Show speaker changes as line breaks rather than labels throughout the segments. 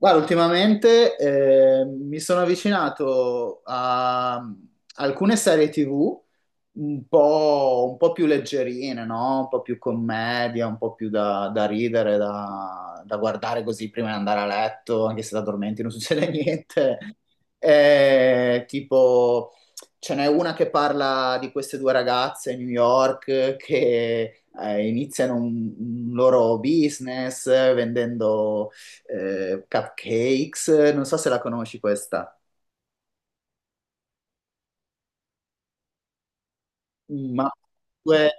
Guarda, ultimamente mi sono avvicinato a alcune serie TV un po', più leggerine, no? Un po' più commedia, un po' più da ridere, da guardare così prima di andare a letto, anche se da dormenti non succede niente. Eh, tipo, ce n'è una che parla di queste due ragazze a New York che iniziano un loro business vendendo cupcakes, non so se la conosci questa, ma due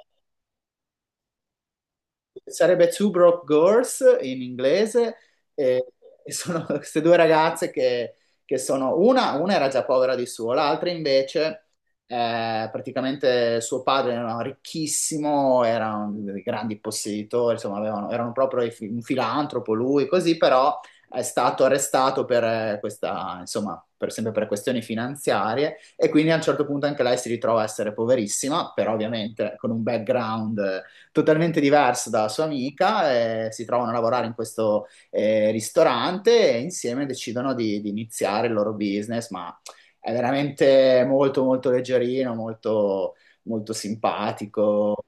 sarebbe Two Broke Girls in inglese, e, e sono queste due ragazze che sono, una era già povera di suo, l'altra invece, praticamente suo padre era ricchissimo, era un dei grandi posseditori, insomma, erano proprio un filantropo lui, così, però è stato arrestato per questa, insomma, per, sempre per questioni finanziarie e quindi a un certo punto anche lei si ritrova a essere poverissima, però ovviamente con un background totalmente diverso dalla sua amica, si trovano a lavorare in questo ristorante e insieme decidono di iniziare il loro business, ma è veramente molto molto leggerino, molto, molto simpatico.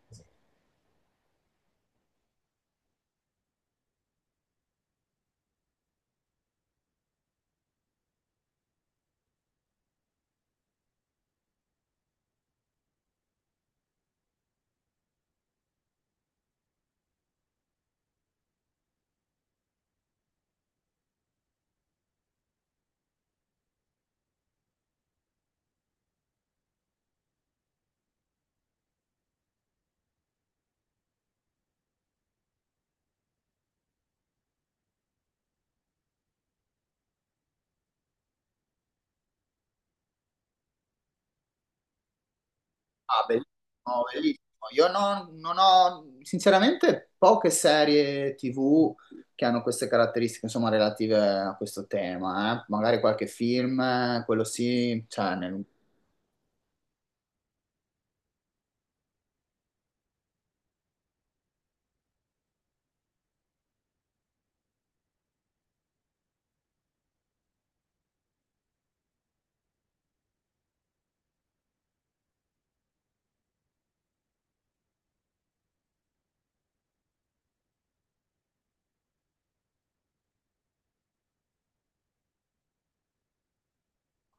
Ah, bellissimo, bellissimo. Io non ho, sinceramente, poche serie TV che hanno queste caratteristiche, insomma, relative a questo tema, eh. Magari qualche film, quello sì, cioè,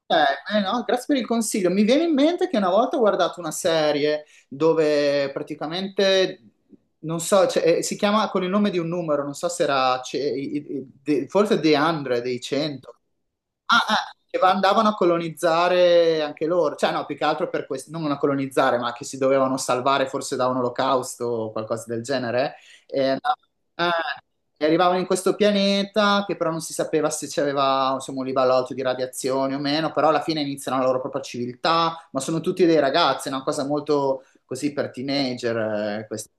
Eh, no, grazie per il consiglio. Mi viene in mente che una volta ho guardato una serie dove praticamente, non so, cioè, si chiama con il nome di un numero, non so se era, forse The 100, dei 100. Ah, che andavano a colonizzare anche loro, cioè no, più che altro per questo, non a colonizzare, ma che si dovevano salvare forse da un olocausto o qualcosa del genere. E, andav- eh, e arrivavano in questo pianeta che però non si sapeva se c'aveva insomma, un livello alto di radiazioni o meno, però alla fine iniziano la loro propria civiltà, ma sono tutti dei ragazzi, è una cosa molto così per teenager, eh, questa-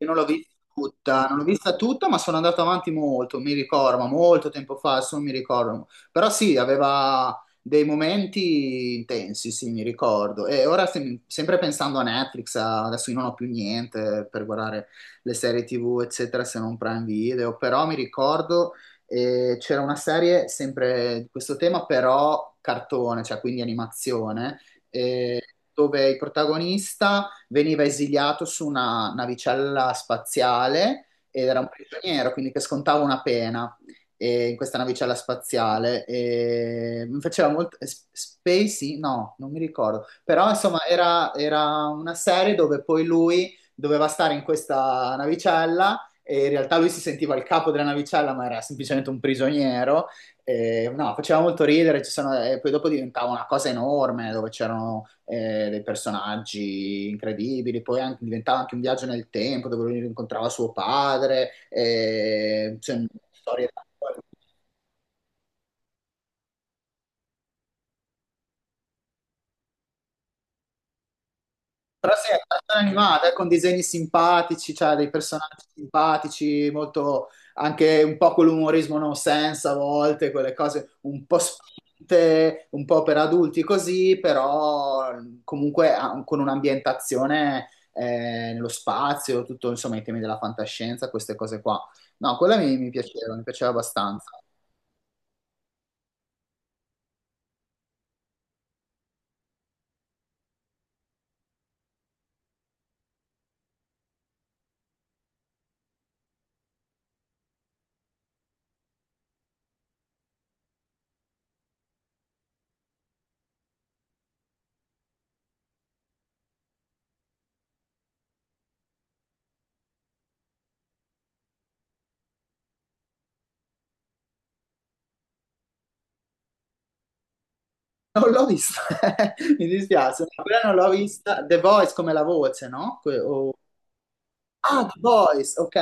io non l'ho vista tutta, non l'ho vista tutta, ma sono andato avanti molto, mi ricordo, ma molto tempo fa, adesso non mi ricordo. Però sì, aveva dei momenti intensi, sì, mi ricordo. E ora sempre pensando a Netflix, adesso io non ho più niente per guardare le serie TV, eccetera, se non Prime Video, però mi ricordo c'era una serie sempre di questo tema, però cartone, cioè quindi animazione, eh, dove il protagonista veniva esiliato su una navicella spaziale ed era un prigioniero, quindi che scontava una pena in questa navicella spaziale. E mi faceva molto... Spacey? No, non mi ricordo. Però insomma era una serie dove poi lui doveva stare in questa navicella e in realtà lui si sentiva il capo della navicella ma era semplicemente un prigioniero no, faceva molto ridere, e poi dopo diventava una cosa enorme dove c'erano dei personaggi incredibili, diventava anche un viaggio nel tempo dove lui incontrava suo padre, cioè, storie da- però sì, è cartone animata, con disegni simpatici, cioè dei personaggi simpatici, molto anche un po' quell'umorismo no sense a volte, quelle cose un po' spinte, un po' per adulti così, però comunque con un'ambientazione nello spazio, tutto insomma i temi della fantascienza, queste cose qua. No, quella mi piaceva abbastanza. Non l'ho vista, mi dispiace, ma quella non l'ho vista. The Voice come la voce, no? Ah, The Boys, ok.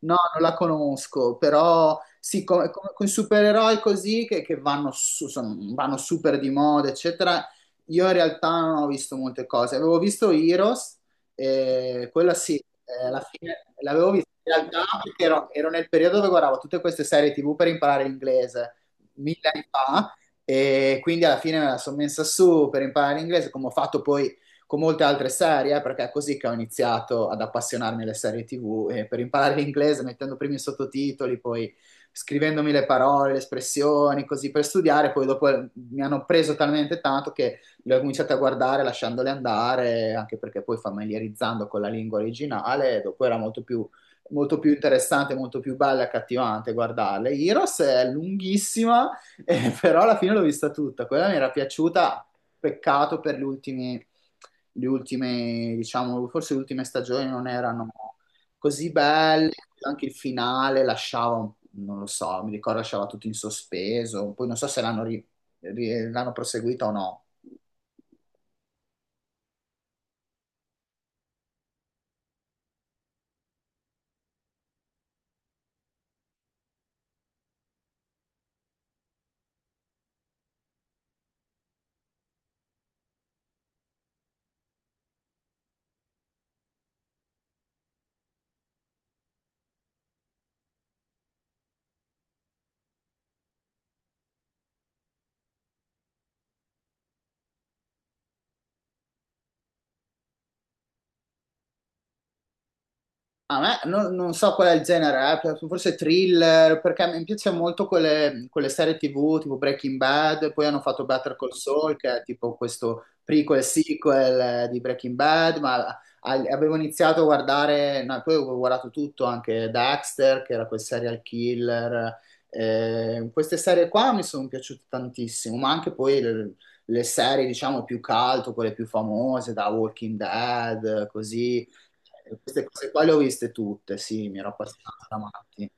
No, non la conosco, però sì, con i supereroi così che vanno, vanno super di moda, eccetera. Io in realtà non ho visto molte cose. Avevo visto Heroes, quella sì, alla fine l'avevo vista in realtà perché ero nel periodo dove guardavo tutte queste serie TV per imparare l'inglese, mille anni fa, e quindi alla fine me la sono messa su per imparare l'inglese, come ho fatto poi con molte altre serie, perché è così che ho iniziato ad appassionarmi alle serie TV, e per imparare l'inglese mettendo prima i sottotitoli, poi scrivendomi le parole, le espressioni, così per studiare, poi dopo mi hanno preso talmente tanto che le ho cominciate a guardare lasciandole andare, anche perché poi familiarizzando con la lingua originale, dopo era molto più interessante, molto più bella e accattivante guardarle. Heroes è lunghissima, però alla fine l'ho vista tutta. Quella mi era piaciuta, peccato per gli ultimi le ultime, diciamo, forse le ultime stagioni non erano così belle, anche il finale lasciava, non lo so, mi ricordo lasciava tutto in sospeso, poi non so se l'hanno, l'hanno proseguita o no. A me non so qual è il genere, forse thriller, perché mi piace molto quelle, quelle serie TV tipo Breaking Bad, poi hanno fatto Better Call Saul, che è tipo questo prequel sequel di Breaking Bad, ma avevo iniziato a guardare, no, poi ho guardato tutto, anche Dexter, che era quel serial killer. Queste serie qua mi sono piaciute tantissimo, ma anche poi le serie, diciamo, più cult, quelle più famose, da Walking Dead, così. Queste cose qua le ho viste tutte, sì, mi ero appassionato da matti.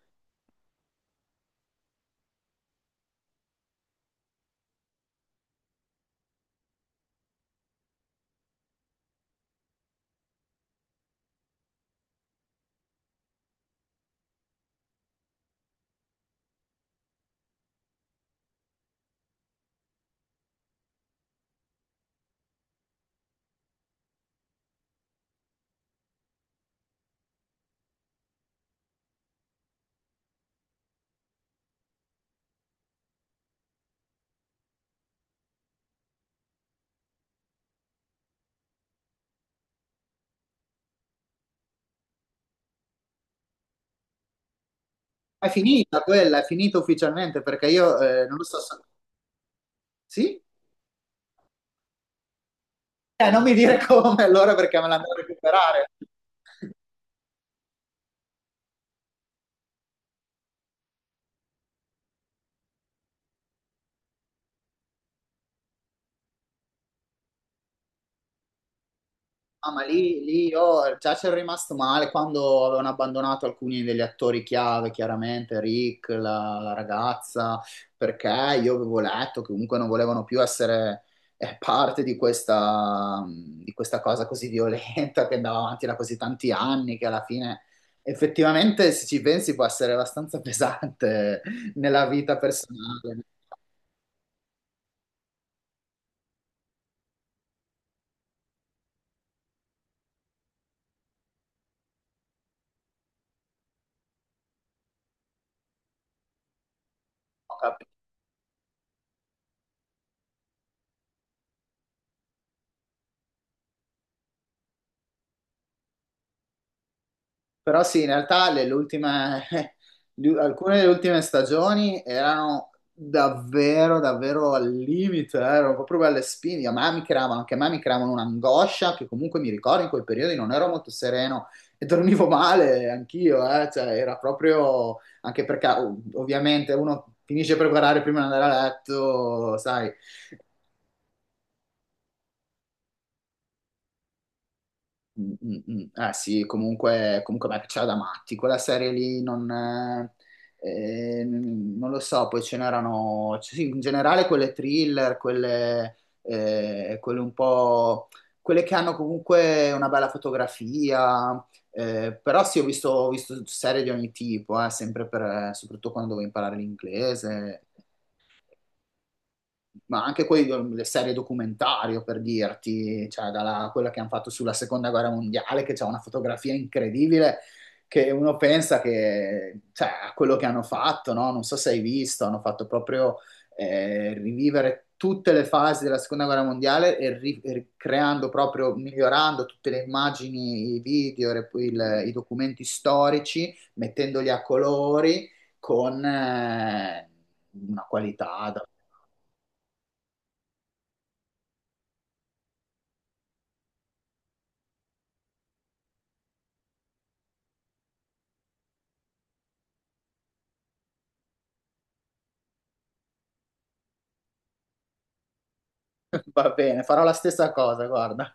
Ma è finita quella, è finita ufficialmente perché io non lo so. Sì? Non mi dire come allora perché me l'hanno a recuperare. Ah, ma lì io già ci ero rimasto male quando avevano abbandonato alcuni degli attori chiave, chiaramente Rick, la ragazza, perché io avevo letto che comunque non volevano più essere parte di questa cosa così violenta che andava avanti da così tanti anni, che alla fine effettivamente, se ci pensi, può essere abbastanza pesante nella vita personale. Però sì, in realtà alcune delle ultime stagioni erano davvero, davvero al limite, erano proprio belle spine. A me mi creavano, anche a me mi creavano un'angoscia che comunque mi ricordo in quei periodi non ero molto sereno e dormivo male anch'io, cioè era proprio, anche perché ovviamente uno finisce per guardare prima di andare a letto, sai. Mm, mm, mm. Eh sì, comunque, comunque a me piaceva da matti, quella serie lì non, non lo so, poi ce n'erano, cioè, sì, in generale quelle thriller, quelle, quelle un po', quelle che hanno comunque una bella fotografia, però sì, ho visto serie di ogni tipo, sempre per, soprattutto quando dovevo imparare l'inglese ma anche poi le serie documentario per dirti, cioè dalla, quella che hanno fatto sulla seconda guerra mondiale, che c'è una fotografia incredibile, che uno pensa che, cioè, a quello che hanno fatto, no? Non so se hai visto, hanno fatto proprio rivivere tutte le fasi della seconda guerra mondiale e creando proprio, migliorando tutte le immagini, i video, i documenti storici, mettendoli a colori con una qualità Va bene, farò la stessa cosa, guarda.